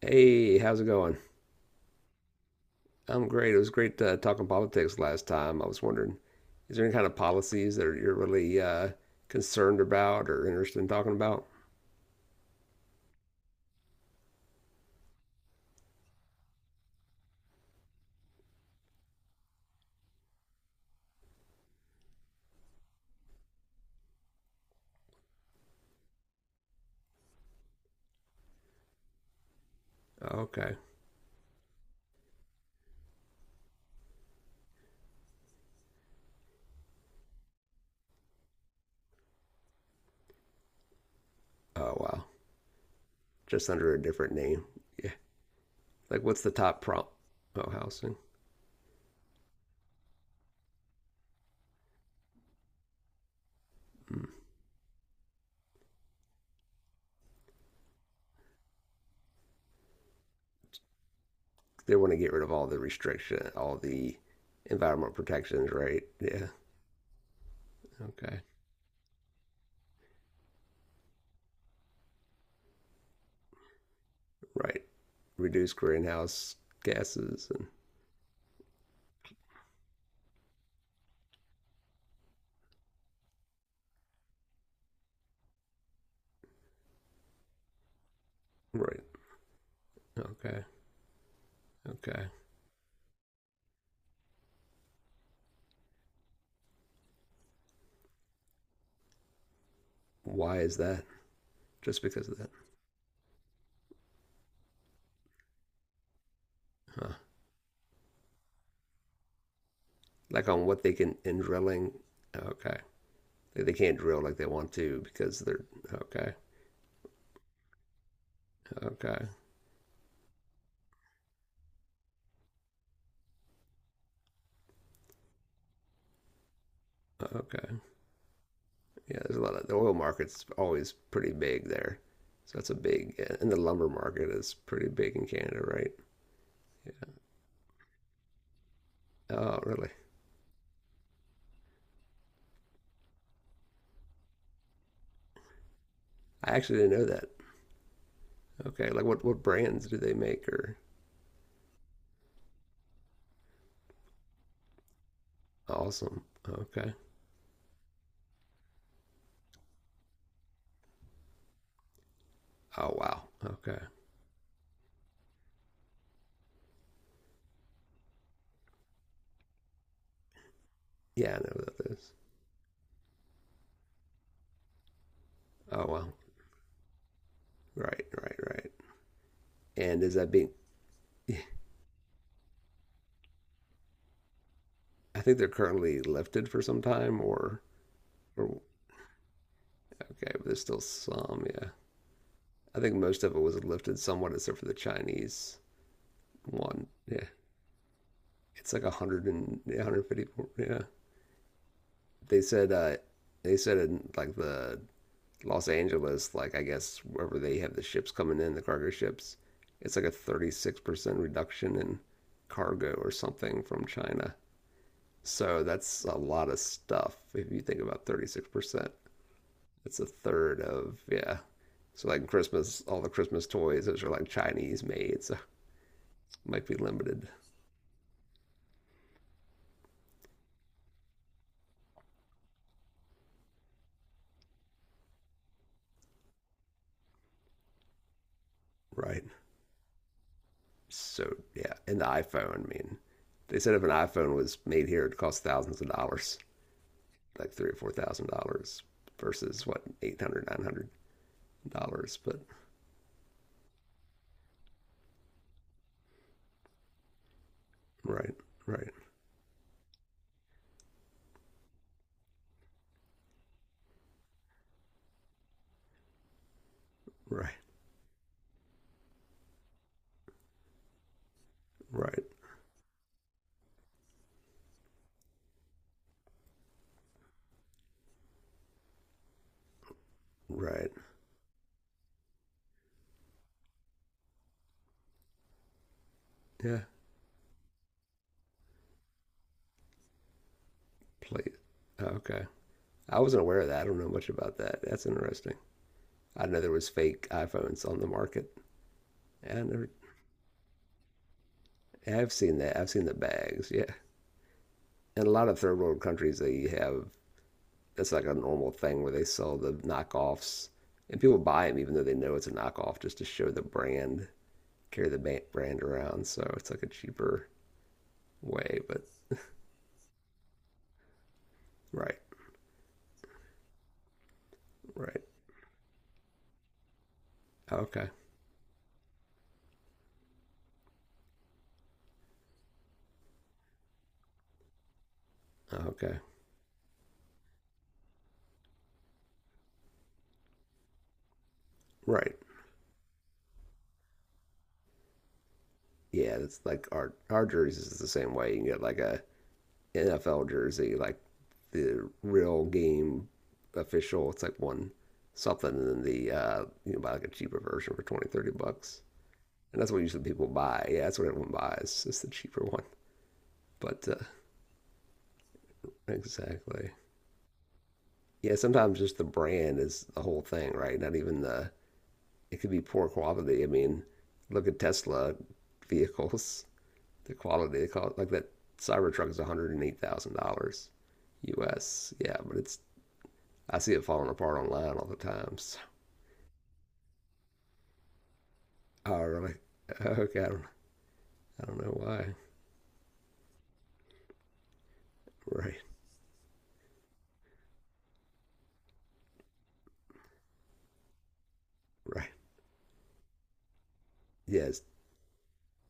Hey, how's it going? I'm great. It was great talking politics last time. I was wondering, is there any kind of policies that you're really concerned about or interested in talking about? Okay. Oh, wow. Just under a different name. Yeah. Like, what's the top prompt? Oh, housing. Mm. They want to get rid of all the restriction, all the environmental protections, right? Yeah. Okay. Right. Reduce greenhouse gases and right. Okay. Okay. Why is that? Just because of that. Huh. Like on what they can in drilling. Okay. They can't drill like they want to because they're okay. Okay. Okay. Yeah, there's a lot of the oil market's always pretty big there. So that's a big yeah, and the lumber market is pretty big in Canada, right? Yeah. Oh, really? I actually didn't know that. Okay. Like what brands do they make or awesome. Okay. Oh wow. Okay. Yeah, I know what that is. Oh wow. Right, right, right. And is that being I think they're currently lifted for some time or, okay, but there's still some. Yeah, I think most of it was lifted somewhat, except for the Chinese one. Yeah, it's like 100 and yeah, 150. Yeah, they said uh, they said in like the Los Angeles, like I guess wherever they have the ships coming in, the cargo ships, it's like a 36% reduction in cargo or something from China. So that's a lot of stuff if you think about 36%. It's a third of yeah. So like Christmas, all the Christmas toys, those are like Chinese made, so might be limited, right? So yeah, and the iPhone. I mean, they said if an iPhone was made here, it cost thousands of dollars, like three or four thousand dollars, versus what 800, $900. But right, right, right, right, right. Yeah, please. Oh, okay, I wasn't aware of that. I don't know much about that. That's interesting. I know there was fake iPhones on the market, and I never. Yeah, I've seen that. I've seen the bags. Yeah. In a lot of third world countries, they have that's like a normal thing where they sell the knockoffs, and people buy them even though they know it's a knockoff just to show the brand, carry the brand around. So it's like a cheaper way. But right, right, okay, okay, right. Yeah, it's like our jerseys is the same way. You can get like a NFL jersey, like the real game official. It's like one something, and then the uh, buy like a cheaper version for 20, $30, and that's what usually people buy. Yeah, that's what everyone buys. It's the cheaper one, but exactly. Yeah, sometimes just the brand is the whole thing, right? Not even the it could be poor quality. I mean, look at Tesla vehicles. The quality they call it like that Cybertruck is $108,000 U.S. Yeah, but it's I see it falling apart online all the time. So. Oh, really? Okay, I don't know why. Right, right. Yes, yeah,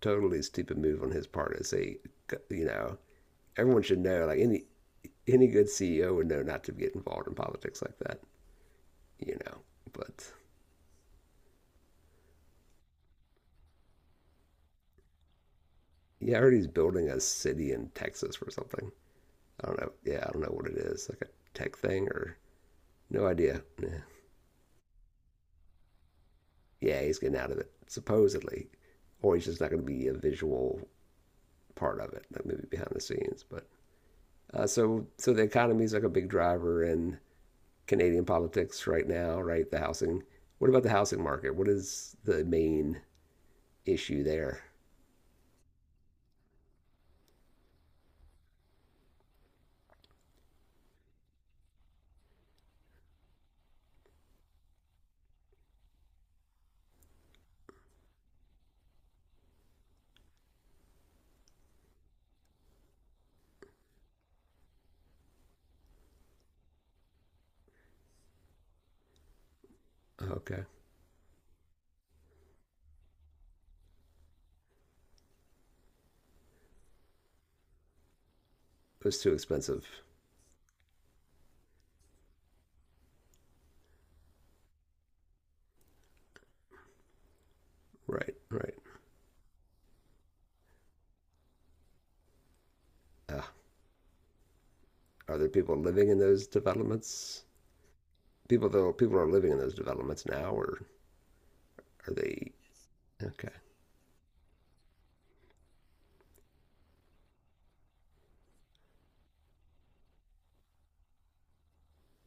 totally stupid move on his part to say, you know, everyone should know. Like any good CEO would know not to get involved in politics like that. You know, but yeah, I heard he's building a city in Texas or something. I don't know. Yeah, I don't know what it is. Like a tech thing or no idea. Yeah, yeah he's getting out of it supposedly, or he's just not going to be a visual part of it, like maybe behind the scenes. But uh, so, the economy is like a big driver in Canadian politics right now, right? The housing. What about the housing market? What is the main issue there? Okay, it's too expensive. Right, right. Uh, are there people living in those developments? People though, people are living in those developments now, or are they? Okay,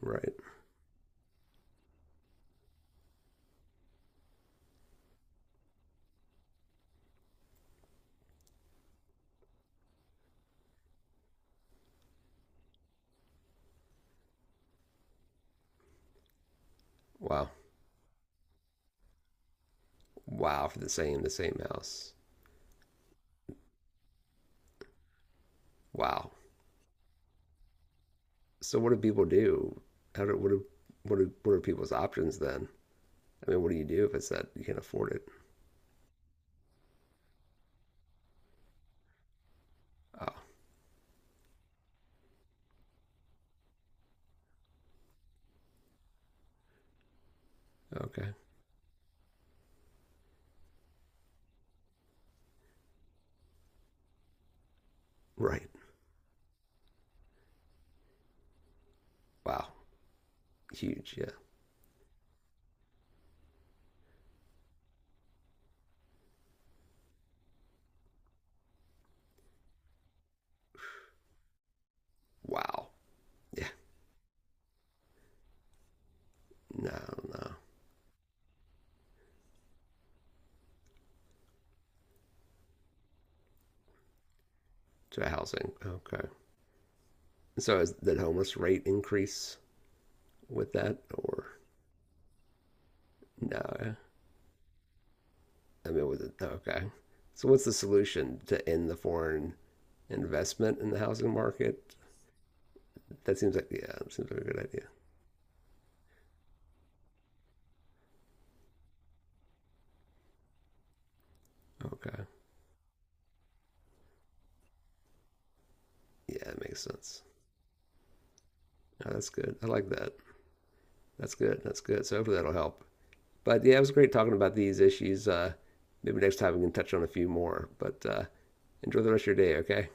right. Wow, wow. For the same house. Wow. So, what do people do? How do what are people's options then? I mean, what do you do if it's that you can't afford it? Oh, okay. Right. Wow. Huge. Yeah. Wow. Yeah. No, no. To housing. Okay. So is, the homeless rate increase with that or no? I mean, with it, okay. So what's the solution to end the foreign investment in the housing market? That seems like, yeah, that seems like a good idea. Okay. Yeah, it makes sense. No, that's good. I like that. That's good. That's good. So hopefully that'll help. But yeah, it was great talking about these issues. Maybe next time we can touch on a few more. But enjoy the rest of your day, okay?